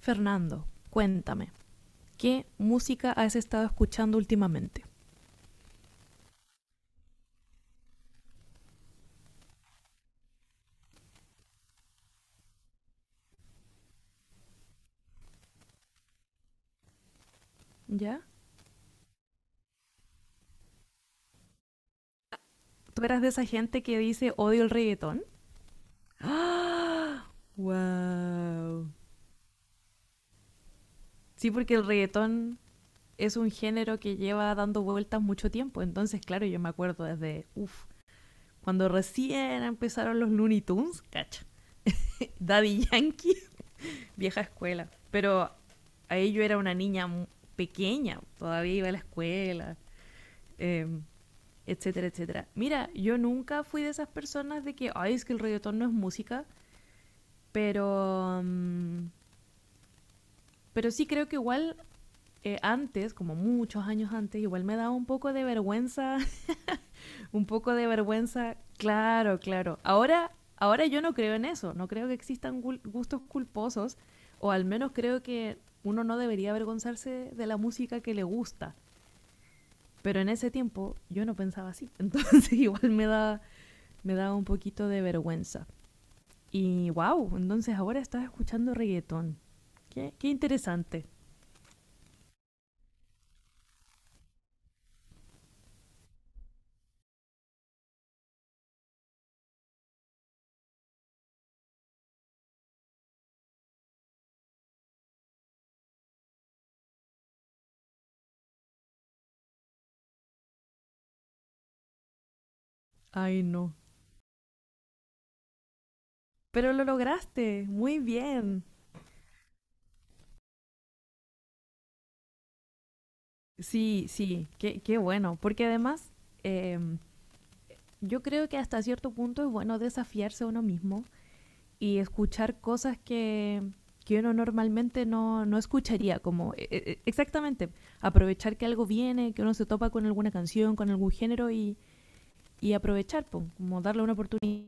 Fernando, cuéntame, ¿qué música has estado escuchando últimamente? ¿Ya? ¿Tú eras de esa gente que dice odio el reggaetón? ¡Ah! ¡Wow! Sí, porque el reggaetón es un género que lleva dando vueltas mucho tiempo. Entonces, claro, yo me acuerdo desde, uff, cuando recién empezaron los Looney Tunes, cacha. Daddy Yankee, vieja escuela. Pero ahí yo era una niña pequeña, todavía iba a la escuela. eh, Etcétera, etcétera. Mira, yo nunca fui de esas personas de que, ay, es que el reggaetón no es música, pero, mm, pero sí creo que igual antes, como muchos años antes, igual me daba un poco de vergüenza, un poco de vergüenza, claro, claro. Ahora, yo no creo en eso, no creo que existan gustos culposos, o al menos creo que uno no debería avergonzarse de la música que le gusta. Pero en ese tiempo yo no pensaba así, entonces igual me daba un poquito de vergüenza. Y wow, entonces ahora estás escuchando reggaetón. Qué interesante. Ay, no. Pero lo lograste, muy bien. Sí, sí, qué bueno. Porque además, eh, yo creo que hasta cierto punto es bueno desafiarse a uno mismo y escuchar cosas que uno normalmente no escucharía, como exactamente, aprovechar que algo viene, que uno se topa con alguna canción, con algún género y aprovechar, po, como darle una oportunidad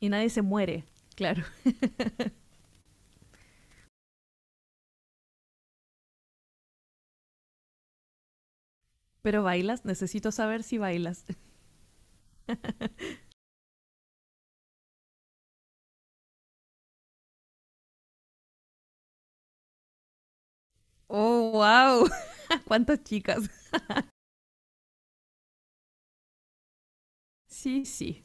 y nadie se muere, claro. Pero bailas, necesito saber si bailas. Oh, wow. ¿Cuántas chicas? Sí, sí.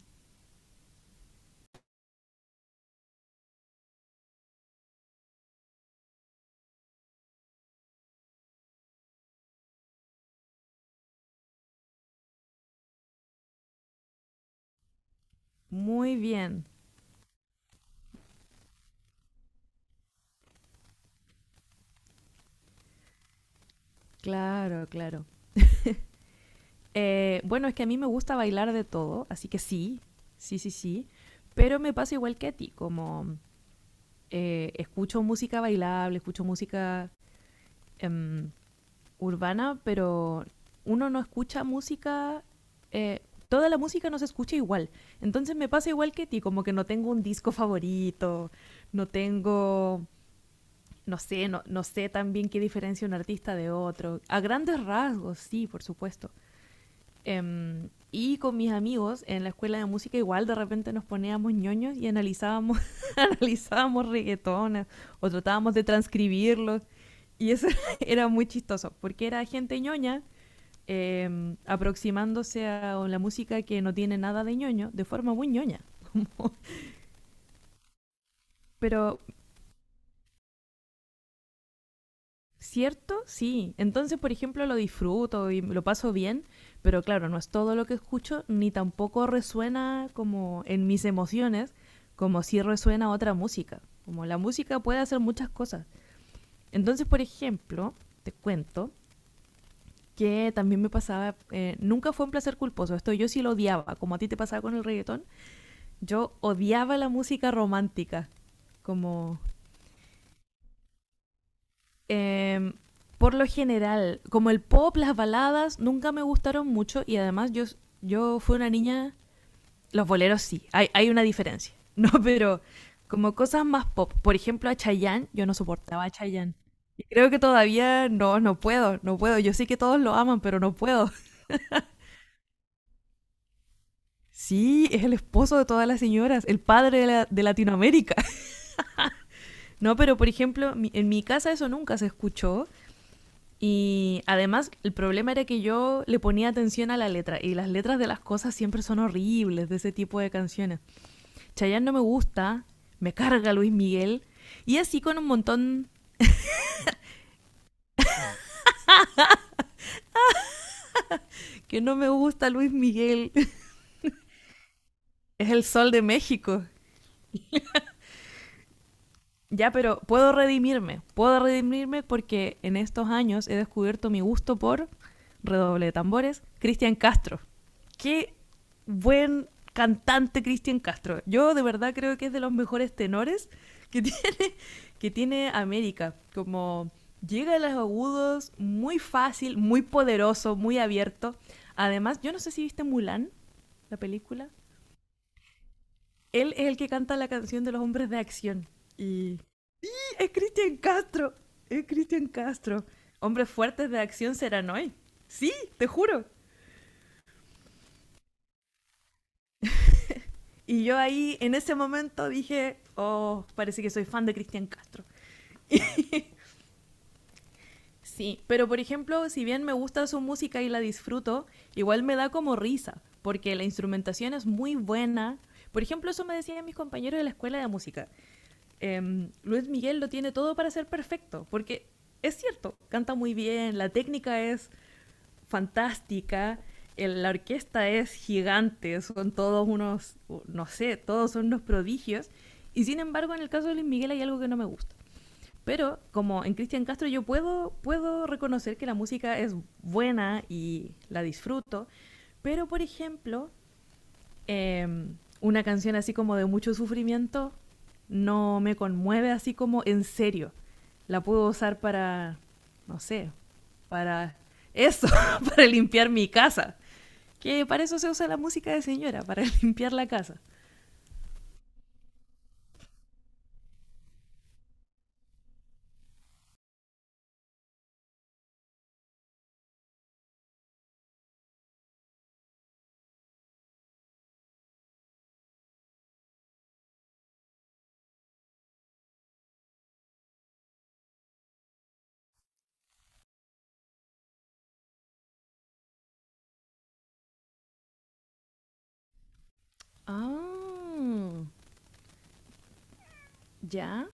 Muy bien. Claro, claro. Bueno, es que a mí me gusta bailar de todo, así que sí, sí, sí, sí. Pero me pasa igual que a ti, como escucho música bailable, escucho música em, urbana, pero uno no escucha música, eh, toda la música no se escucha igual. Entonces me pasa igual que ti, como que no tengo un disco favorito, no tengo, no sé, no sé también qué diferencia un artista de otro. A grandes rasgos, sí, por supuesto. Y con mis amigos en la escuela de música igual de repente nos poníamos ñoños y analizábamos, analizábamos reggaetones o tratábamos de transcribirlos. Y eso era muy chistoso, porque era gente ñoña aproximándose a la música que no tiene nada de ñoño, de forma muy ñoña. Pero, ¿cierto? Sí. Entonces, por ejemplo, lo disfruto y lo paso bien, pero claro, no es todo lo que escucho, ni tampoco resuena como en mis emociones, como si resuena otra música. Como la música puede hacer muchas cosas. Entonces, por ejemplo, te cuento que también me pasaba, nunca fue un placer culposo, esto yo sí lo odiaba, como a ti te pasaba con el reggaetón. Yo odiaba la música romántica. Como. eh, por lo general, como el pop, las baladas, nunca me gustaron mucho. Y además, yo fui una niña. Los boleros sí, hay una diferencia. No, pero como cosas más pop. Por ejemplo, a Chayanne, yo no soportaba a Chayanne. Y creo que todavía no, no puedo, no puedo. Yo sé que todos lo aman, pero no puedo. Sí, es el esposo de todas las señoras, el padre de Latinoamérica. No, pero por ejemplo, en mi casa eso nunca se escuchó. Y además el problema era que yo le ponía atención a la letra y las letras de las cosas siempre son horribles de ese tipo de canciones. Chayanne no me gusta, me carga Luis Miguel y así con un montón que no me gusta Luis Miguel. Es el sol de México. Ya, pero puedo redimirme porque en estos años he descubierto mi gusto por redoble de tambores, Cristian Castro. Qué buen cantante Cristian Castro. Yo de verdad creo que es de los mejores tenores que tiene, que tiene América. Como llega a los agudos muy fácil, muy poderoso, muy abierto. Además, yo no sé si viste Mulan, la película. Él es el que canta la canción de los hombres de acción. Y es Cristian Castro. Es Cristian Castro. Hombres fuertes de acción serán hoy. Sí, te juro. Y yo ahí, en ese momento, dije, oh, parece que soy fan de Cristian Castro. Sí, pero por ejemplo, si bien me gusta su música y la disfruto, igual me da como risa, porque la instrumentación es muy buena. Por ejemplo, eso me decían mis compañeros de la escuela de música. Luis Miguel lo tiene todo para ser perfecto, porque es cierto, canta muy bien, la técnica es fantástica. La orquesta es gigante, son todos unos, no sé, todos son unos prodigios. Y sin embargo, en el caso de Luis Miguel hay algo que no me gusta. Pero como en Cristian Castro yo puedo reconocer que la música es buena y la disfruto. Pero, por ejemplo, eh, una canción así como de mucho sufrimiento no me conmueve así como en serio. La puedo usar para, no sé, para eso, para limpiar mi casa. Que para eso se usa la música de señora, para limpiar la casa. Ah, ya.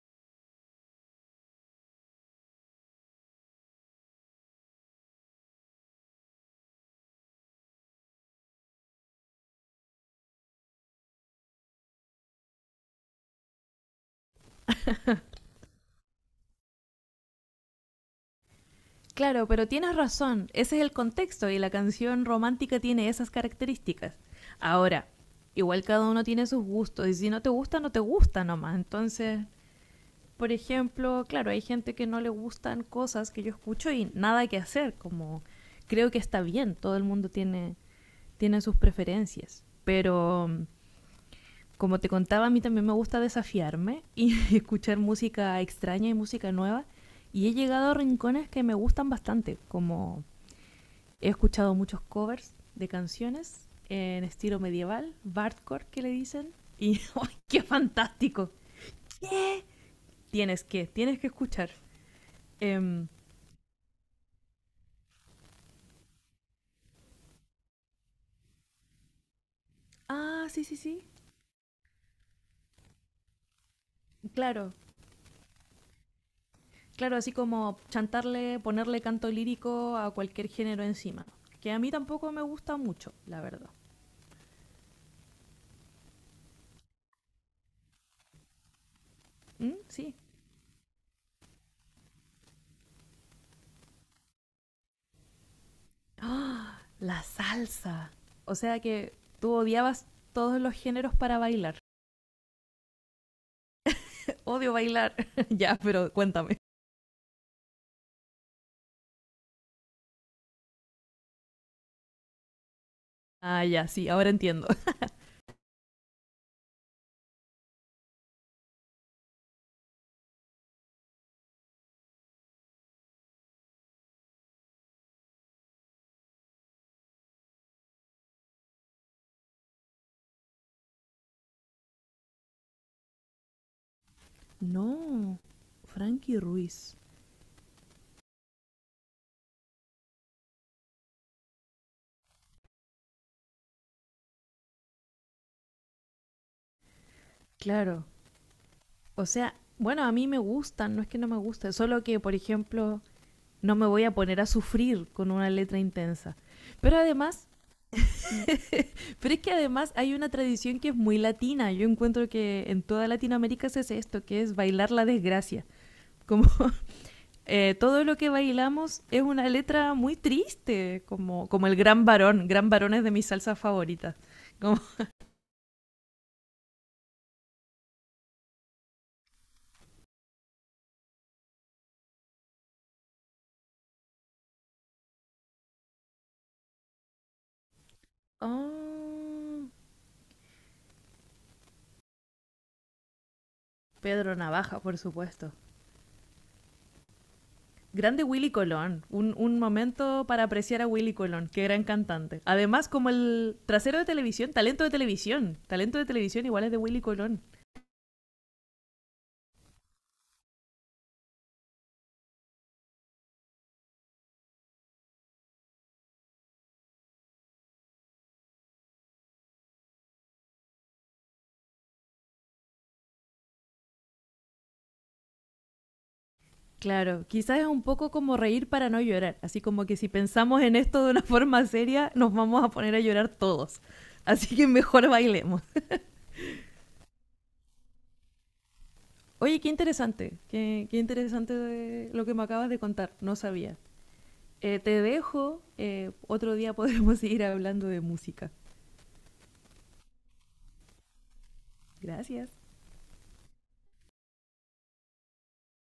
Claro, pero tienes razón, ese es el contexto y la canción romántica tiene esas características. Ahora, igual cada uno tiene sus gustos y si no te gusta, no te gusta nomás, entonces por ejemplo, claro, hay gente que no le gustan cosas que yo escucho y nada que hacer, como creo que está bien, todo el mundo tiene, sus preferencias, pero como te contaba, a mí también me gusta desafiarme y escuchar música extraña y música nueva, y he llegado a rincones que me gustan bastante, como he escuchado muchos covers de canciones en estilo medieval, bardcore que le dicen, y ¡ay, qué fantástico! Tienes que escuchar. Em, Ah, sí, sí, sí. Claro, claro, así como chantarle, ponerle canto lírico a cualquier género encima. Que a mí tampoco me gusta mucho, la verdad. ¿Mm? Sí. ¡Ah! La salsa. O sea que tú odiabas todos los géneros para bailar. Odio bailar. Ya, pero cuéntame. Ah, ya, sí, ahora entiendo. No, Frankie Ruiz. Claro. O sea, bueno, a mí me gustan, no es que no me guste, solo que, por ejemplo, no me voy a poner a sufrir con una letra intensa. Pero además, pero es que además hay una tradición que es muy latina. Yo encuentro que en toda Latinoamérica se hace esto, que es bailar la desgracia. Como todo lo que bailamos es una letra muy triste, como el gran varón. Gran varón es de mis salsas favoritas. Como, oh, Pedro Navaja, por supuesto. Grande Willy Colón, un momento para apreciar a Willy Colón, qué gran cantante. Además, como el trasero de televisión, talento de televisión, talento de televisión igual es de Willy Colón. Claro, quizás es un poco como reír para no llorar, así como que si pensamos en esto de una forma seria, nos vamos a poner a llorar todos. Así que mejor bailemos. Oye, qué interesante, qué interesante de lo que me acabas de contar, no sabía. Te dejo, otro día podremos seguir hablando de música. Gracias.